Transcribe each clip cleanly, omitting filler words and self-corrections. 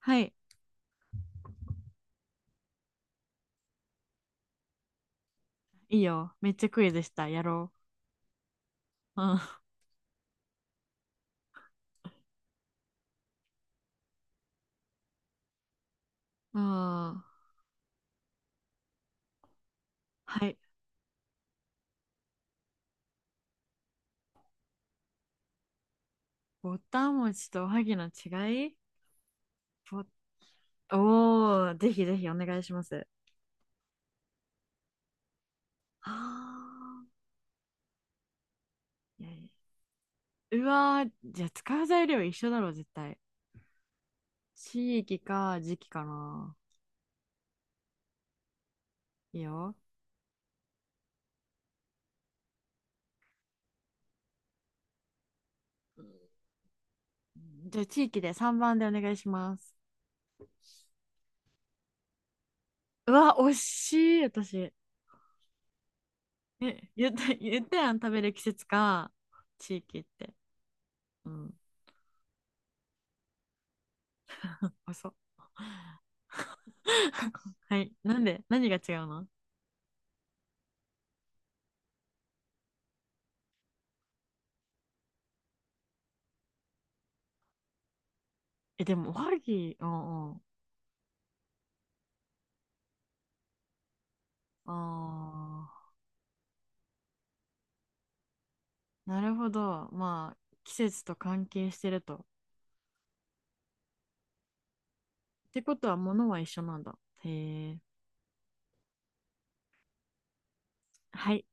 はい。いいよ。めっちゃクイズした。やろう。うん。うん。はい。ぼたもちとおはぎの違い、ぼ、おー、ぜひぜひお願いします。あ、いやいや、うわー、じゃあ使う材料一緒だろ、絶対。地域か時期かな。いいよ。じゃあ地域で3番でお願いします。うわ、惜しい、私。え、言った、言ったやん、食べる季節か、地域って。うん、遅っ。はい。なんで、何が違うの？え、でも、おはぎ、うんうん。ああ、なるほど。まあ、季節と関係してると。ってことは、物は一緒なんだ。へえ。はい。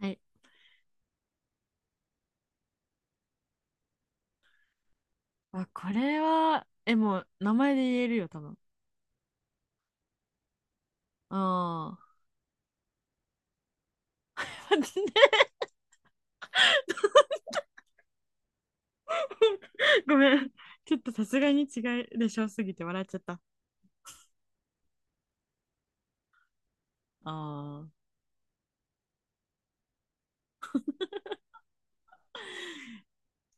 はい。あ、これは、え、もう、名前で言えるよ、多分。ああ。待って、ごめん。ちょっとさすがに違いでしょすぎて笑っちゃった。ああ。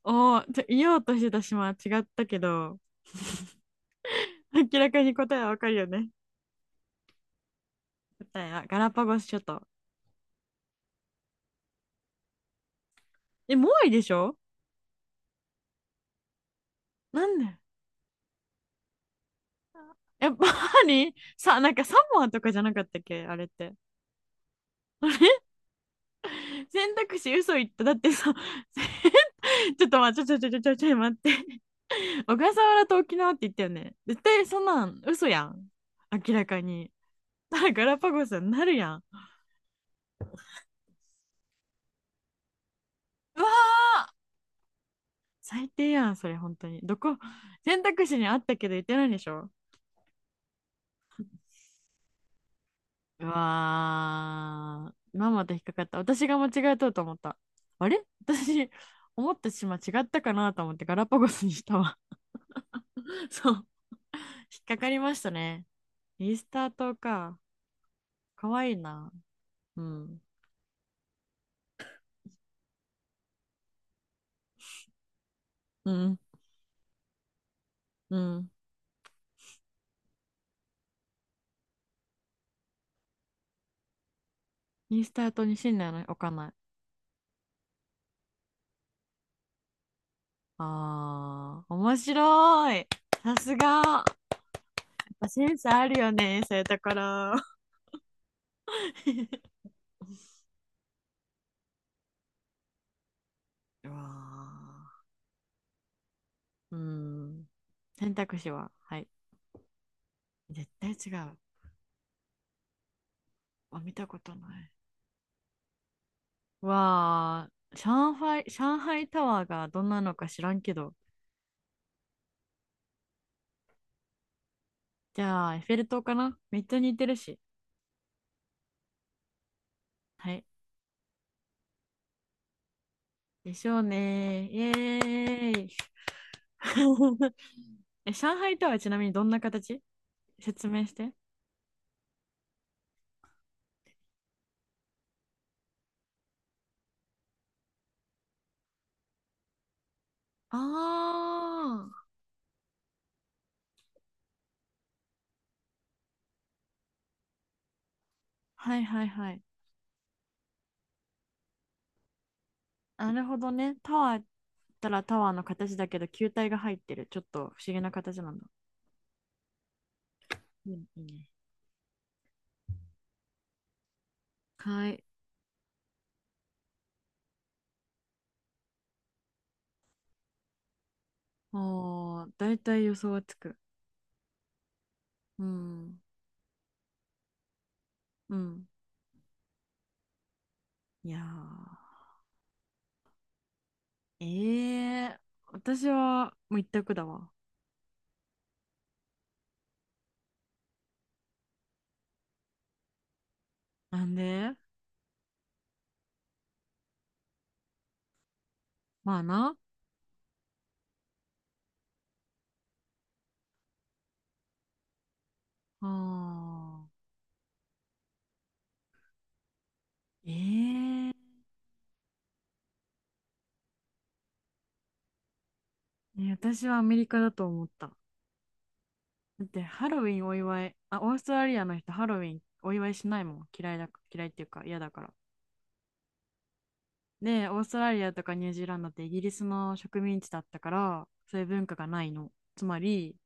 おお、ちょ言おうとしてた島は違ったけど、明らかに答えはわかるよね。答えはガラパゴス諸島。え、モアイでしょ？なんで、やっぱり、さ、なんかサモアとかじゃなかったっけあれって。選択肢嘘言った。だってさ、ちょっと待って、ちょちょちょちょちょちょ待って。小笠原と沖縄って言ったよね。絶対そんなん嘘やん。明らかに。だからガラパゴスになるやん。うわー、最低やん、それ本当に。どこ、選択肢にあったけど言ってないでしょ？うわー。まんまと引っかかった。私が間違えとうと思った。あれ私、思った島違ったかなと思ってガラパゴスにしたわ。そう。引っかかりましたね。イースター島か。かわいいな。うん。うん。うん。イースター島に信念の置かない。あー、面白い。さすが。やっぱセンスあるよね、そういうところ。うわー。うん。選択肢は、はい。絶対違う。あ、見たことない。わあ、上海、上海タワーがどんなのか知らんけど。じゃあ、エッフェル塔かな、めっちゃ似てるし。はい。でしょうね、イエーイ。え、上海タワーちなみにどんな形、説明して。ああ、はいはいはい。なるほどね。タワーったらタワーの形だけど、球体が入ってる。ちょっと不思議な形なんだ。うん、いいね。はい。おー、だいたい予想はつく。うん。うん。いやー。ええ、私はもう一択だわ。なんで？まあな。ああ。ええ、ね、私はアメリカだと思った。だってハロウィンお祝い、あ、オーストラリアの人ハロウィンお祝いしないもん。嫌いだ、嫌いっていうか嫌だから。で、オーストラリアとかニュージーランドってイギリスの植民地だったから、そういう文化がないの。つまり、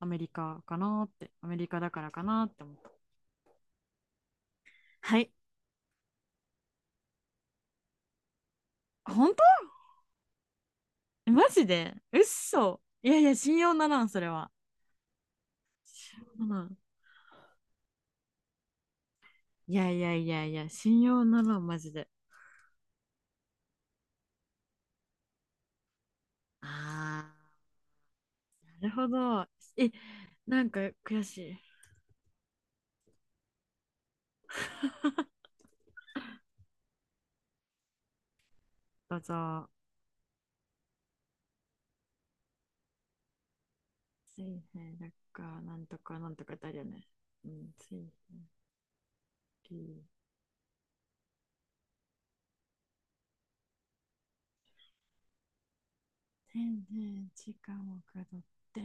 アメリカかなって、アメリカだからかなって思った。はい。本当？マジで嘘、いやいや、信用ならん、それは。うん、いやいやいやいや、信用ならマジで。ああ、なるほど。え、なんか悔しい。どうぞ。水平だか、なんとかなんとかだよね。うん、水平、リー、天然、時間をかどって、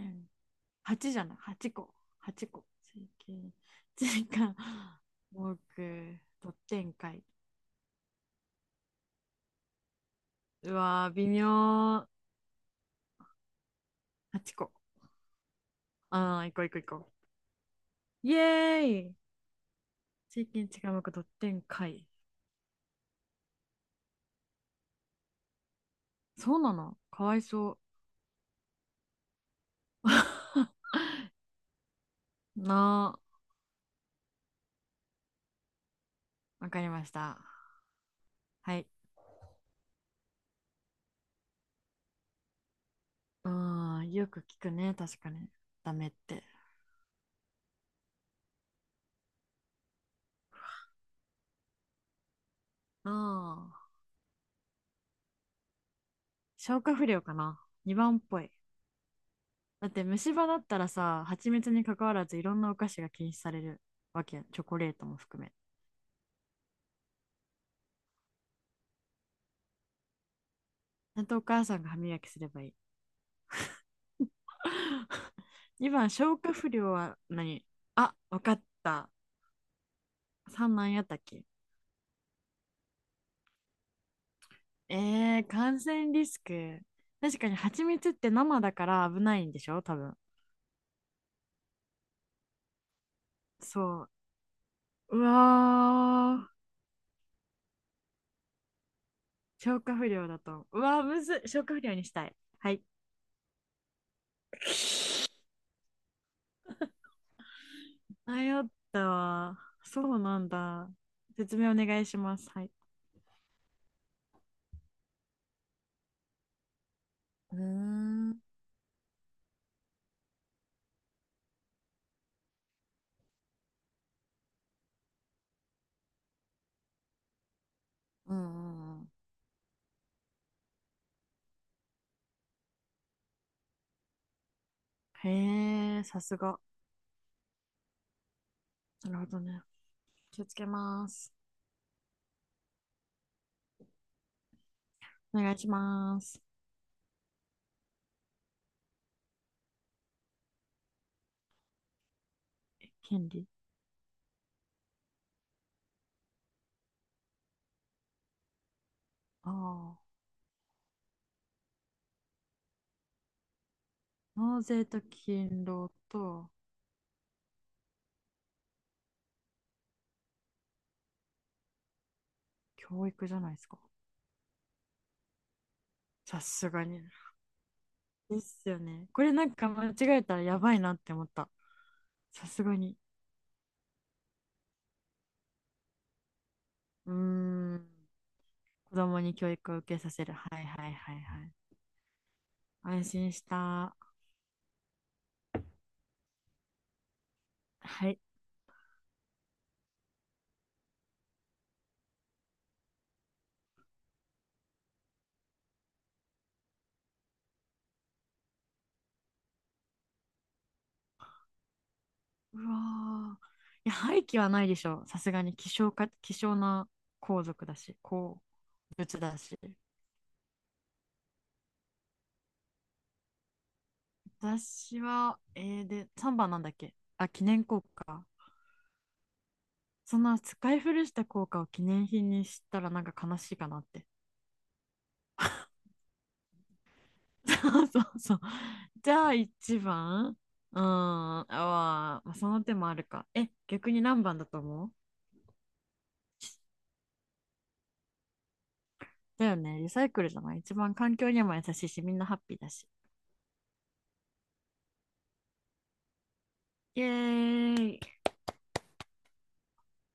8じゃない、8個、8個。水平、時間、多く、とってんかい。うわー、微妙。8個。あー、行こう行こう行こう。イエーイ、地域に近いくドッテン会。そうなの、かわいそう。な。わかりました。はい。うん、よく聞くね。確かに。ダメって。ああ。消化不良かな。2番っぽい。だって虫歯だったらさ、蜂蜜に関わらずいろんなお菓子が禁止されるわけやん。チョコレートも含め。ちゃんとお母さんが歯磨きすればいい。2番、消化不良は何？あ、わかった。3なんやったっけ？えー、感染リスク。確かに蜂蜜って生だから危ないんでしょ多分。そう。うわー。消化不良だと。うわー、むずっ。消化不良にしたい。はい。迷ったわ。そうなんだ。説明お願いします。はい。うーん。うんうんうん。へえ、さすが。なるほどね。気をつけます。お願いします。権利。ああ。納税と勤労と教育じゃないですか。さすがに。ですよね。これなんか間違えたらやばいなって思った。さすがに。うーん。子供に教育を受けさせる。はいはいはいはい。安心した。はい。うわー。いや、廃棄はないでしょ、さすがに希少か、希少な皇族だし、鉱物だし。私は、えー、で、3番なんだっけ、あ、記念硬貨。そんな使い古した硬貨を記念品にしたらなんか悲しいかなって。そうそうそう。じゃあ一番。うーん。あーまあ、その手もあるか。え、逆に何番だと思う？だよね。リサイクルじゃない、一番環境にも優しいし、みんなハッピーだし。イエーイ。